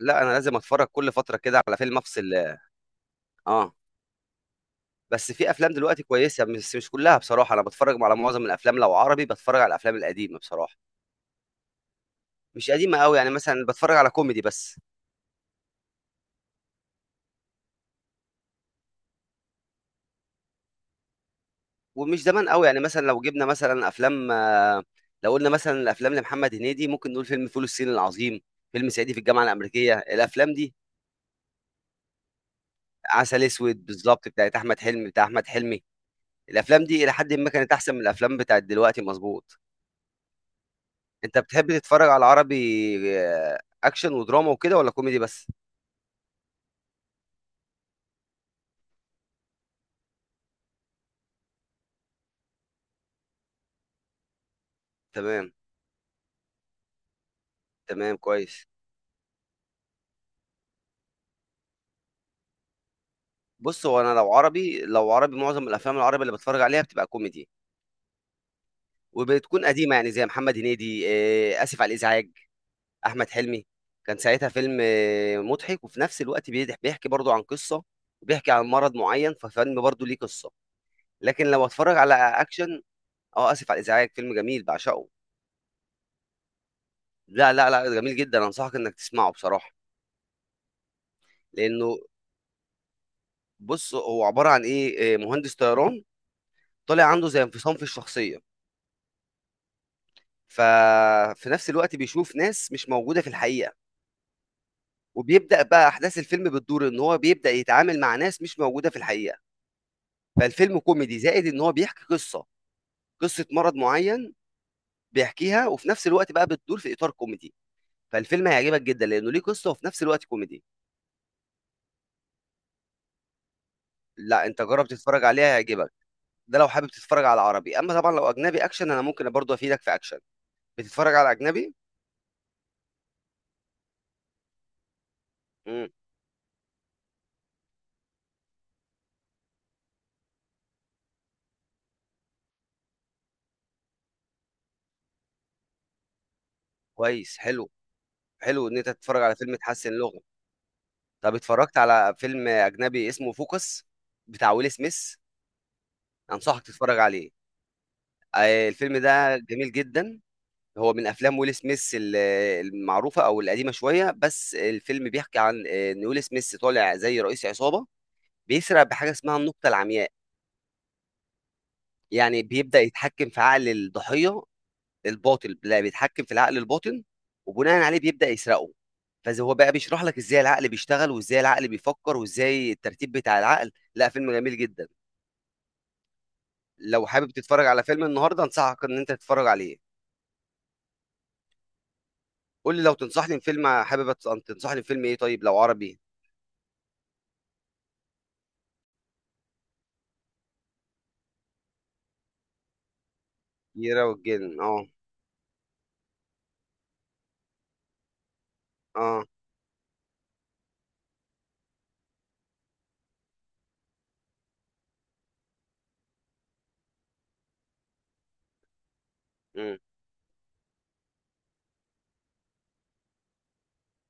لا، انا لازم اتفرج كل فتره كده على فيلم افصل. اه. بس في افلام دلوقتي كويسه، بس مش كلها بصراحه. انا بتفرج على معظم الافلام، لو عربي بتفرج على الافلام القديمه بصراحه. مش قديمه قوي، يعني مثلا بتفرج على كوميدي بس. ومش زمان قوي، يعني مثلا لو جبنا مثلا افلام لو قلنا مثلا الافلام لمحمد هنيدي ممكن نقول فيلم فول الصين العظيم، فيلم صعيدي في الجامعه الامريكيه. الافلام دي عسل اسود بالظبط، بتاعت احمد حلمي، بتاع احمد حلمي. الافلام دي الى حد ما كانت احسن من الافلام بتاعت دلوقتي، مظبوط. انت بتحب تتفرج على عربي اكشن ودراما وكده، ولا كوميدي بس؟ تمام. تمام، كويس. بص هو انا لو عربي معظم الافلام العربي اللي بتفرج عليها بتبقى كوميدي، وبتكون قديمه، يعني زي محمد هنيدي. اسف على الازعاج، احمد حلمي، كان ساعتها فيلم مضحك وفي نفس الوقت بيحكي برضو عن قصه، وبيحكي عن مرض معين، ففيلم برضو ليه قصه. لكن لو اتفرج على اكشن. اه، اسف على الازعاج فيلم جميل بعشقه. لا لا لا، جميل جدا، انصحك انك تسمعه بصراحه. لانه بص هو عبارة عن إيه إيه، مهندس طيران، طالع عنده زي انفصام في الشخصية. ففي نفس الوقت بيشوف ناس مش موجودة في الحقيقة، وبيبدأ بقى أحداث الفيلم بتدور، إن هو بيبدأ يتعامل مع ناس مش موجودة في الحقيقة. فالفيلم كوميدي زائد إن هو بيحكي قصة، قصة مرض معين، بيحكيها وفي نفس الوقت بقى بتدور في إطار كوميدي. فالفيلم هيعجبك جدا لأنه ليه قصة وفي نفس الوقت كوميدي. لا، أنت جرب تتفرج عليها هيعجبك. ده لو حابب تتفرج على عربي، أما طبعا لو أجنبي أكشن أنا ممكن برضه أفيدك في أكشن. بتتفرج على أجنبي؟ مم. كويس، حلو. حلو ان انت تتفرج على فيلم تحسن لغه. طب اتفرجت على فيلم اجنبي اسمه فوكس، بتاع ويل سميث؟ انصحك تتفرج عليه. الفيلم ده جميل جدا. هو من افلام ويل سميث المعروفه او القديمه شويه. بس الفيلم بيحكي عن ان ويل سميث طالع زي رئيس عصابه، بيسرق بحاجه اسمها النقطه العمياء. يعني بيبدا يتحكم في عقل الضحيه الباطن، لا بيتحكم في العقل الباطن، وبناء عليه بيبدأ يسرقه. فزي هو بقى بيشرح لك ازاي العقل بيشتغل، وازاي العقل بيفكر، وازاي الترتيب بتاع العقل، لا فيلم جميل جدا. لو حابب تتفرج على فيلم النهارده انصحك ان انت تتفرج عليه. قول لي لو تنصحني بفيلم، حابب أن تنصحني بفيلم ايه؟ طيب لو عربي، كيرة والجن. اه. اه. امم.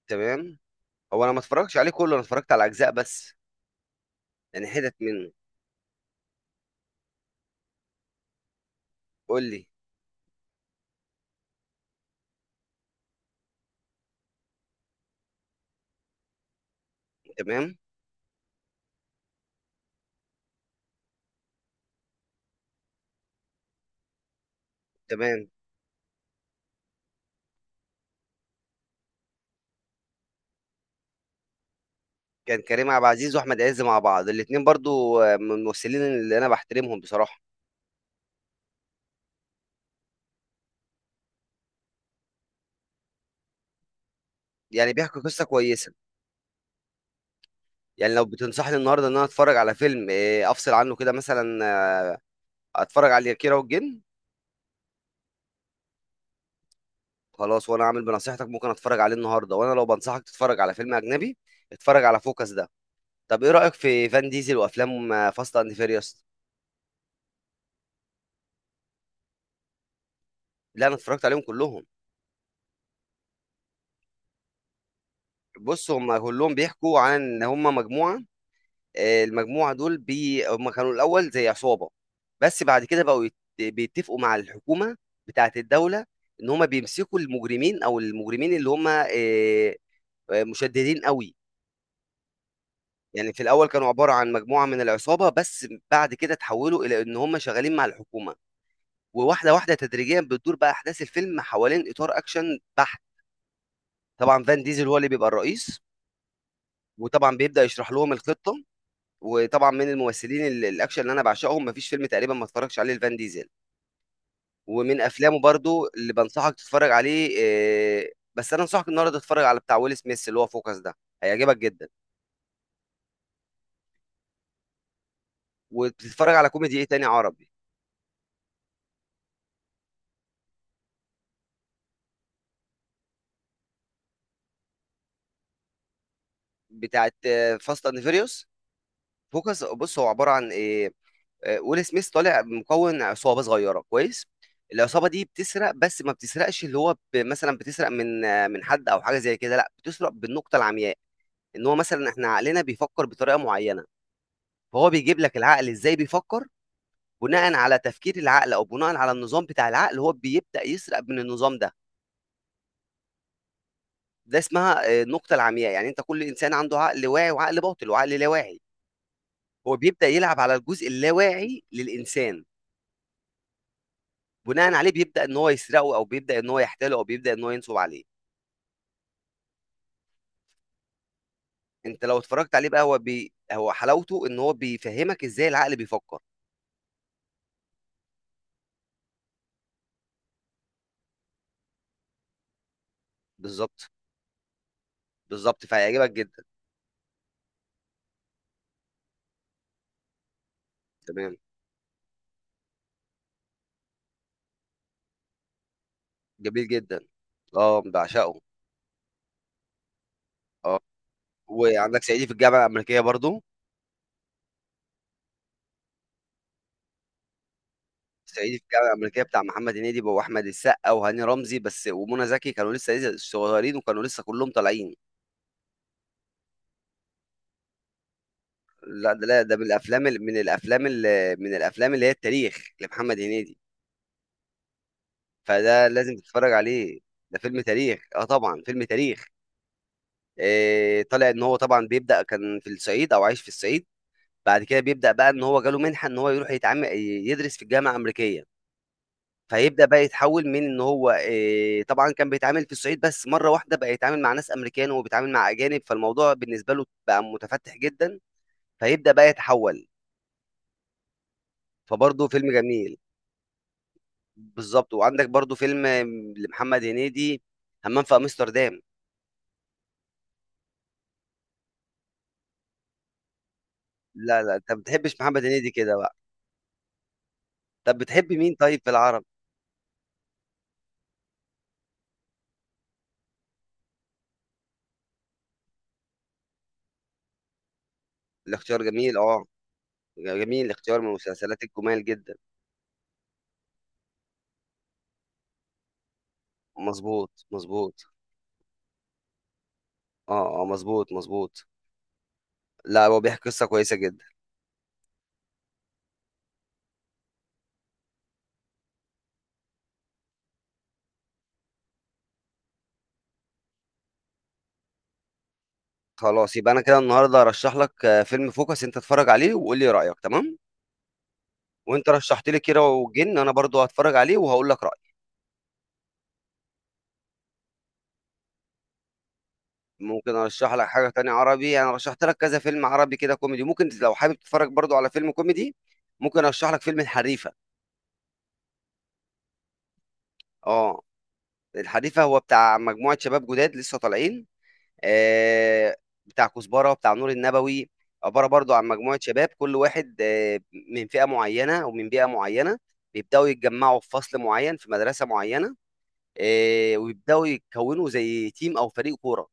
تمام. هو انا ما اتفرجتش عليه كله، انا اتفرجت على اجزاء بس، يعني حتت منه. قول لي. تمام. تمام. كان كريم عبد العزيز واحمد عز مع بعض الاتنين برضو من الممثلين اللي انا بحترمهم بصراحه، يعني بيحكوا قصه كويسه. يعني لو بتنصحني النهارده ان انا اتفرج على فيلم، افصل عنه كده مثلا، آه، اتفرج على كيرة والجن. خلاص، وانا عامل بنصيحتك ممكن اتفرج عليه النهارده، وانا لو بنصحك تتفرج على فيلم اجنبي اتفرج على فوكس ده. طب ايه رايك في فان ديزل وافلام فاست اند فيريوس؟ لا، انا اتفرجت عليهم كلهم. بص هم كلهم بيحكوا عن ان هم مجموعه، المجموعه دول هم كانوا الاول زي عصابه، بس بعد كده بقوا بيتفقوا مع الحكومه، بتاعه الدوله، ان هم بيمسكوا المجرمين، او المجرمين اللي هم مشددين قوي. يعني في الاول كانوا عباره عن مجموعه من العصابه، بس بعد كده تحولوا الى ان هم شغالين مع الحكومه. وواحده واحده تدريجيا بتدور بقى احداث الفيلم حوالين اطار اكشن بحت. طبعا فان ديزل هو اللي بيبقى الرئيس، وطبعا بيبدا يشرح لهم الخطه. وطبعا من الممثلين الاكشن اللي انا بعشقهم، مفيش فيلم تقريبا ما اتفرجش عليه لفان ديزل. ومن افلامه برضو اللي بنصحك تتفرج عليه، آه، بس انا انصحك النهارده تتفرج على بتاع ويل سميث اللي هو فوكس ده، هيعجبك جدا. وتتفرج على كوميدي ايه تاني عربي. بتاعت فاست اند فيريوس. فوكس، بص هو عباره عن ايه. ويل سميث طالع مكون عصابه صغيره، كويس. العصابه دي بتسرق، بس ما بتسرقش اللي هو مثلا بتسرق من من حد او حاجه زي كده، لا بتسرق بالنقطه العمياء. ان هو مثلا احنا عقلنا بيفكر بطريقه معينه. فهو بيجيب لك العقل ازاي بيفكر، بناء على تفكير العقل او بناء على النظام بتاع العقل، هو بيبدا يسرق من النظام ده. ده اسمها النقطه العمياء، يعني انت كل انسان عنده عقل واعي وعقل باطل وعقل لا واعي، هو بيبدا يلعب على الجزء اللاواعي للانسان، بناء عليه بيبدا ان هو يسرقه، او بيبدا ان هو يحتاله، او بيبدا ان هو ينصب عليه. انت لو اتفرجت عليه بقى هو هو حلاوته ان هو بيفهمك ازاي العقل بيفكر. بالظبط، بالظبط، فهيعجبك جدا. تمام. جميل جدا. اه، بعشقه. اه، وعندك صعيدي في الجامعه الامريكيه برضو. صعيدي في الجامعه الامريكيه بتاع محمد هنيدي واحمد السقا وهاني رمزي بس، ومنى زكي، كانوا لسه صغيرين، وكانوا لسه كلهم طالعين. لا، ده، لا ده من الافلام من الافلام اللي هي التاريخ لمحمد هنيدي، فده لازم تتفرج عليه. ده فيلم تاريخ، اه طبعا فيلم تاريخ. إيه طالع ان هو طبعا بيبدا كان في الصعيد، او عايش في الصعيد. بعد كده بيبدا بقى ان هو جاله منحه ان هو يروح يتعامل يدرس في الجامعه الامريكيه. فيبدأ بقى يتحول، من إن هو طبعًا كان بيتعامل في الصعيد بس، مرّة واحدة بقى يتعامل مع ناس أمريكان وبيتعامل مع أجانب، فالموضوع بالنسبة له بقى متفتِّح جدًا، فيبدأ بقى يتحول. فبرضه فيلم جميل. بالضبط، وعندك برضه فيلم لمحمد هنيدي، همام في أمستردام. لا، لا، أنت ما بتحبش محمد هنيدي كده بقى. طب بتحب مين طيب في العربي؟ الاختيار جميل. جميل، الاختيار من المسلسلات الجُمال جدًا. مضبوط، مضبوط. مضبوط، مضبوط. لأ، هو بيحكي قصة كويسة جدًا. خلاص، يبقى أنا كده النهارده هارشّح لك فيلم فوكس، أنت اتفرّج عليه وقُل لي رأيك، تمام. وأنت رشّحت لي كيرة والجن، أنا برضه هاتفرّج عليه وهاقول لك رأيي. ممكن أرشّح لك حاجة تانية عربي، أنا رشّحت لك كذا فيلم عربي كده كوميدي، ممكن لو حابب تتفرّج برضه على فيلم كوميدي. ممكن أرشّح لك فيلم الحريفة. آه، الحريفة هو بتاع مجموعة شباب جداد لسه طالعين. آه، بتاع كزبره، بتاع نور النبوي. عباره برضو عن مجموعه شباب، كل واحد من فئه معينه ومن بيئه معينه، بيبداوا يتجمعوا في فصل معين في مدرسه معينه. ويبداوا يكونوا زي تيم او فريق كوره،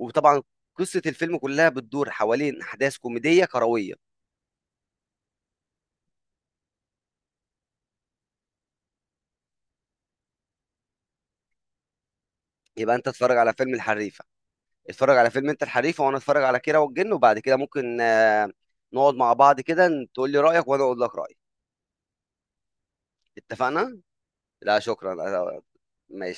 وطبعا قصه الفيلم كلها بتدور حوالين احداث كوميديه كرويه. يبقى انت تتفرج على فيلم الحريفه، اتفرج على فيلم انت الحريفه، وانا اتفرج على كيرة والجن، وبعد كده ممكن نقعد مع بعض كده، تقول لي رايك وانا اقول لك رايي. اتفقنا. لا شكرا، ماشي.